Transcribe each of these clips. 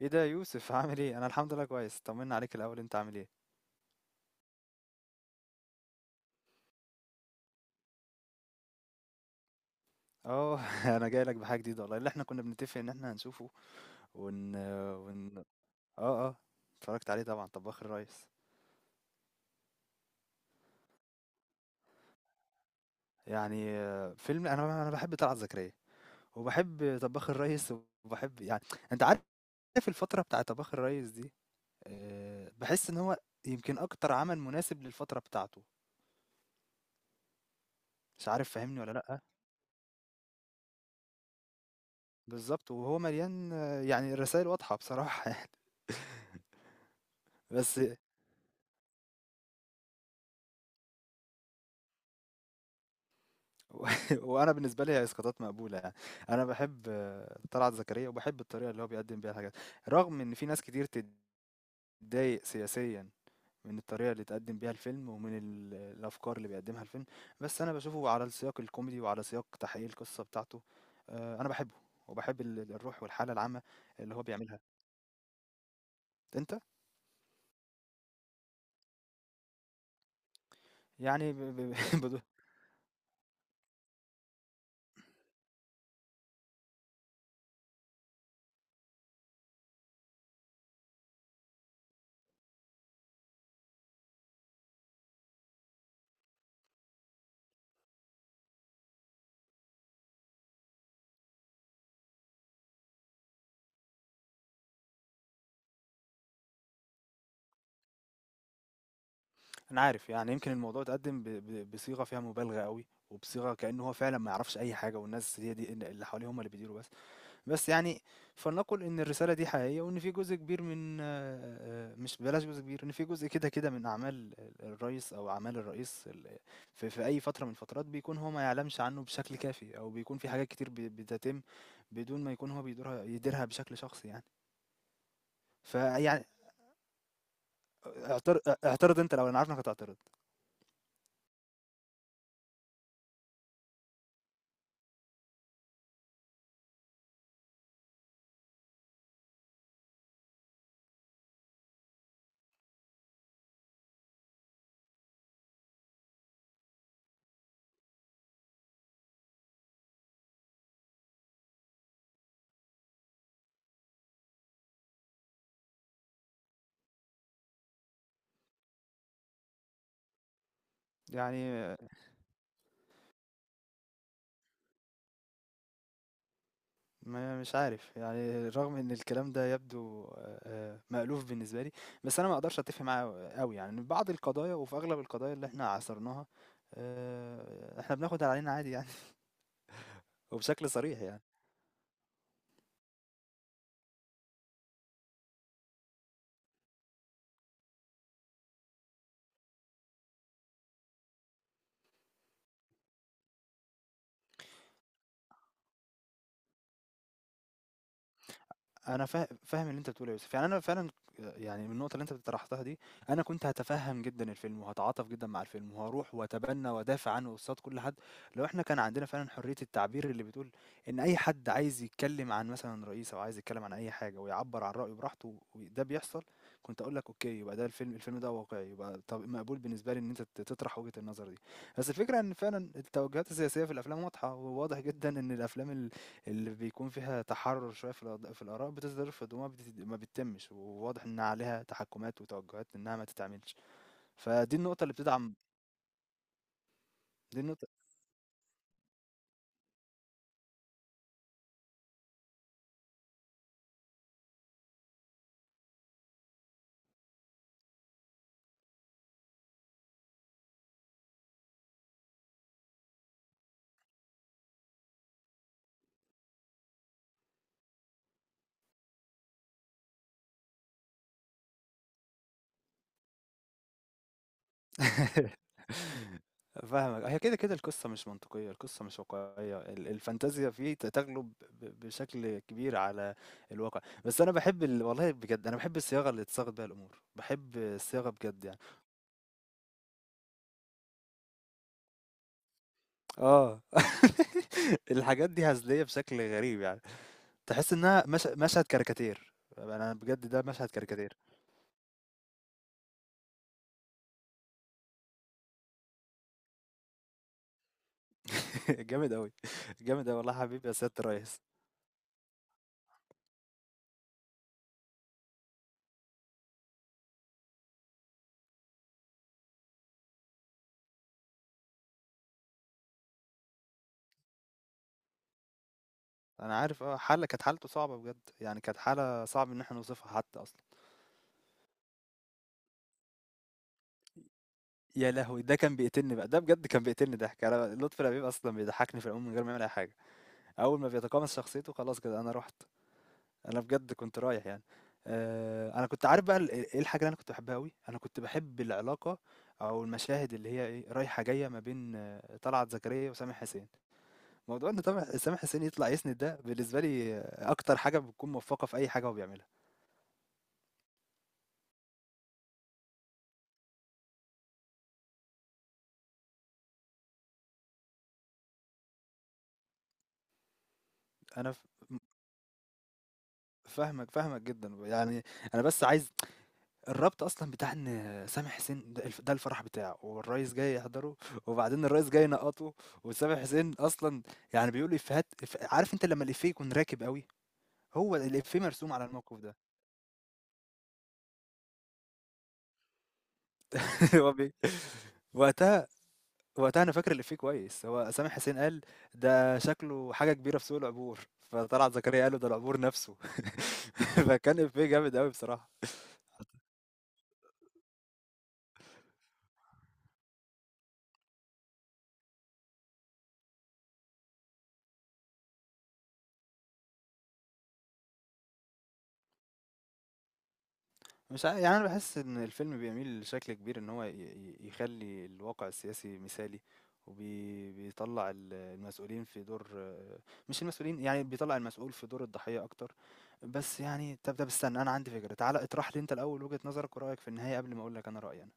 ايه ده يا يوسف؟ عامل ايه؟ انا الحمد لله كويس، طمنا عليك الاول، انت عامل ايه؟ اه انا جاي لك بحاجه جديده والله، اللي احنا كنا بنتفق ان احنا هنشوفه. ون ون اه، اه، اتفرجت عليه طبعا، طباخ الريس. يعني فيلم، انا بحب طلعت زكريا، وبحب طباخ الريس، وبحب يعني، انت عارف، الفتره بتاع طباخ الريس دي، بحس ان هو يمكن اكتر عمل مناسب للفتره بتاعته. مش عارف فاهمني ولا لا؟ بالظبط. وهو مليان، يعني الرسائل واضحه بصراحه. بس. وانا بالنسبه لي هي اسقاطات مقبوله يعني. انا بحب طلعت زكريا، وبحب الطريقه اللي هو بيقدم بيها الحاجات، رغم ان في ناس كتير تتضايق سياسيا من الطريقه اللي اتقدم بيها الفيلم، ومن الافكار اللي بيقدمها الفيلم. بس انا بشوفه على السياق الكوميدي وعلى سياق تحقيق القصه بتاعته. انا بحبه، وبحب الروح والحاله العامه اللي هو بيعملها. انت يعني، بدو- انا عارف يعني، يمكن الموضوع اتقدم بصيغه فيها مبالغه قوي، وبصيغه كانه هو فعلا ما يعرفش اي حاجه، والناس هي دي اللي حواليه هم اللي بيديروا. بس يعني، فلنقل إن الرسالة دي حقيقية، وإن في جزء كبير من مش، بلاش جزء كبير، إن في جزء كده كده من أعمال الرئيس، أو أعمال الرئيس في أي فترة من الفترات بيكون هو ما يعلمش عنه بشكل كافي، أو بيكون في حاجات كتير بتتم بدون ما يكون هو بيديرها يديرها بشكل شخصي يعني. فيعني، اعترض، اعترض أنت، لو أنا عارف إنك هتعترض. يعني، ما مش عارف يعني، رغم ان الكلام ده يبدو مألوف بالنسبه لي. بس انا ما اقدرش اتفق معاه قوي، يعني بعض القضايا، وفي اغلب القضايا اللي احنا عاصرناها، احنا بناخد علينا عادي يعني. وبشكل صريح يعني. أنا فاهم اللي أنت بتقوله يا يوسف، يعني أنا فعلًا، يعني من النقطة اللي أنت طرحتها دي، أنا كنت هاتفهم جدًا الفيلم، وهاتعاطف جدًا مع الفيلم، وهاروح واتبنى وادافع عنه قصاد كل حد، لو إحنا كان عندنا فعلًا حرية التعبير اللي بتقول إن أي حد عايز يتكلم عن مثلًا رئيس أو عايز يتكلم عن أي حاجة ويعبّر عن رأيه براحته وده بيحصل، كنت أقول لك أوكي، يبقى ده الفيلم ده واقعي، يبقى طب مقبول بالنسبة لي إن أنت تطرح وجهة النظر دي، بس الفكرة إن فعلًا التوجهات السياسية في الأفلام واضحة، وواضح جدًا إن الأفلام اللي بيكون فيها تحرر شوية في في الآراء بتصدر في الدموع ما بتتمش، وواضح إن عليها تحكمات وتوجهات إنها ما تتعملش. فدي النقطة اللي بتدعم، دي النقطة. فاهمك، هي كده كده، القصة مش منطقية، القصة مش واقعية، الفانتازيا فيه تغلب بشكل كبير على الواقع. بس أنا بحب والله بجد أنا بحب الصياغة اللي اتصاغت بيها الأمور، بحب الصياغة بجد يعني. اه. الحاجات دي هزلية بشكل غريب يعني، تحس إنها مش مشهد كاريكاتير، أنا بجد ده مشهد كاريكاتير. جامد أوي، جامد أوي، والله يا حبيبي يا سيادة الريس. أنا عارف كانت حالته صعبة بجد، يعني كانت حالة صعب إن إحنا نوصفها حتى أصلًا. يا لهوي! ده كان بيقتلني بقى، ده بجد كان بيقتلني ضحك، أنا لطفي لبيب أصلًا بيضحكني في العموم من غير ما يعمل أي حاجة. أول ما بيتقمص شخصيته خلاص كده أنا رُحت، أنا بجد كنت رايح يعني. أنا كنت عارف بقى إيه الحاجة اللي أنا كنت باحبها أوي، أنا كنت باحب العلاقة أو المشاهد اللي هي إيه رايحة جاية ما بين طلعت زكريا وسامح حسين. موضوع ان طبعا سامح حسين يطلع يسند، ده بالنسبه لي اكتر حاجه بتكون موفقه في اي حاجه هو بيعملها. انا فاهمك، فاهمك جدا يعني. انا بس عايز الربط اصلا بتاع ان سامح حسين ده ده الفرح بتاعه والرئيس جاي يحضره، وبعدين الرئيس جاي ينقطه، وسامح حسين اصلا يعني بيقول افيهات، عارف انت لما الافيه يكون راكب قوي، هو الافيه مرسوم على الموقف ده. هو وقتها وقتها أنا فاكر الإفيه كويس، هو سامح حسين قال: "ده شكله حاجة كبيرة في سوق العبور." فطلعت زكريا قال له: "ده العبور نفسه." فكان إفيه جامد أوي بصراحة. مش عا يعني أنا باحس إن الفيلم بيميل بشكل كبير إن هو ي ي يخلّي الواقع السياسي مثالي، بيطلّع المسؤولين في دور، مش المسؤولين، يعني بيطلّع المسؤول في دور الضحية أكتر. بس يعني، طَب استنى أنا عندي فكرة، تعالَ اطرح لي أنت الأول وجهة نظرك ورأيك في النهاية قبل ما أقول لك أنا رأيي أنا.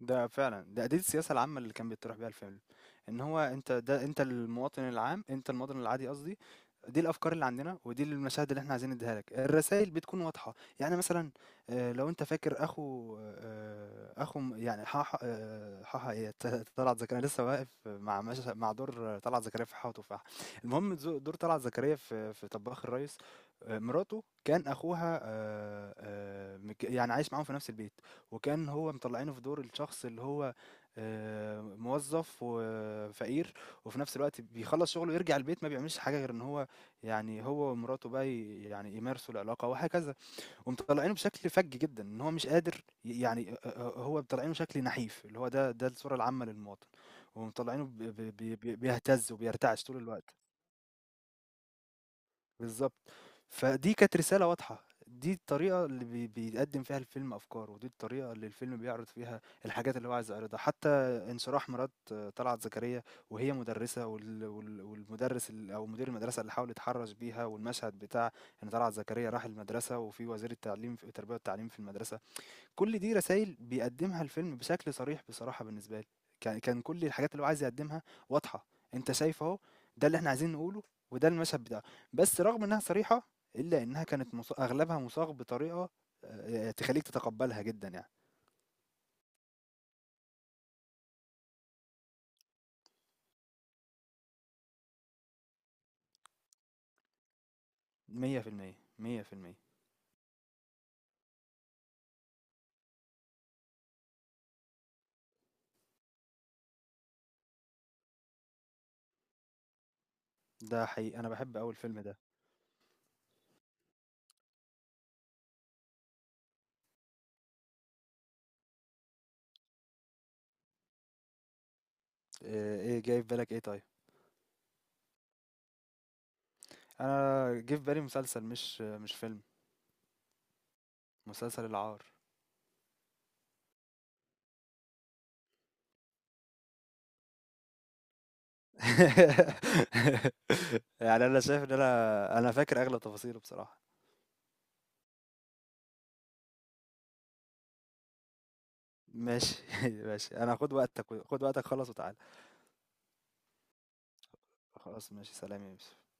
ده فعلا دي السياسة العامة اللي كان بيطرح بيها الفيلم، ان هو انت ده، انت المواطن العام، انت المواطن العادي قصدي. دي الافكار اللي عندنا، ودي المشاهد اللي احنا عايزين نديها لك، الرسائل بتكون واضحة يعني، مثلا لو انت فاكر اخو يعني حاحا، حاحا ايه طلعت زكريا، أنا لسه واقف مع مع دور طلعت زكريا في حاحا وتفاحة. المهم دور طلعت زكريا في طباخ الريس، مراته كان اخوها، يعني عايش معاهم في نفس البيت، وكان هو مطلعينه في دور الشخص اللي هو موظف وفقير، وفي نفس الوقت بيخلص شغله ويرجع البيت، ما بيعملش حاجة غير ان هو يعني، هو ومراته بقى يعني يمارسوا العلاقة وهكذا. ومطلعينه بشكل فج جدا ان هو مش قادر يعني، هو مطلعينه شكل نحيف، اللي هو ده الصورة العامة للمواطن. ومطلعينه بيهتز وبيرتعش طول الوقت. بالضبط. فدي كانت رسالة واضحة، دي الطريقة اللي بيقدّم فيها الفيلم أفكاره، ودي الطريقة اللي الفيلم بيعرض فيها الحاجات اللي هو عايز يعرضها، حتى انشراح مرات طلعت زكريا، وهي مدرسة، والمدرس أو مدير المدرسة اللي حاول يتحرّش بيها، والمشهد بتاع إن طلعت زكريا راح المدرسة وفي وزير التعليم، التربية والتعليم في المدرسة، كل دي رسائل بيقدمها الفيلم بشكل صريح بصراحة. بالنسبة لي كان كل الحاجات اللي هو عايز يقدمها واضحة، انت شايف اهو، ده اللي احنا عايزين نقوله، وده المشهد بتاعه. بس رغم انها صريحة الا انها كانت اغلبها مصاغ بطريقة، تخليك تتقبلها جدا يعني. 100%، 100%. ده حقيقي، انا بحب اول فيلم ده. آه، ايه جاي في بالك؟ ايه طيب؟ انا جه في بالي مسلسل، مش مش فيلم، مسلسل العار. يعني انا شايف ان انا فاكر اغلب تفاصيله بصراحة. ماشي. ماشي، انا خد وقتك، خد وقتك، خلص وتعالى. خلاص ماشي، سلام يا يوسف.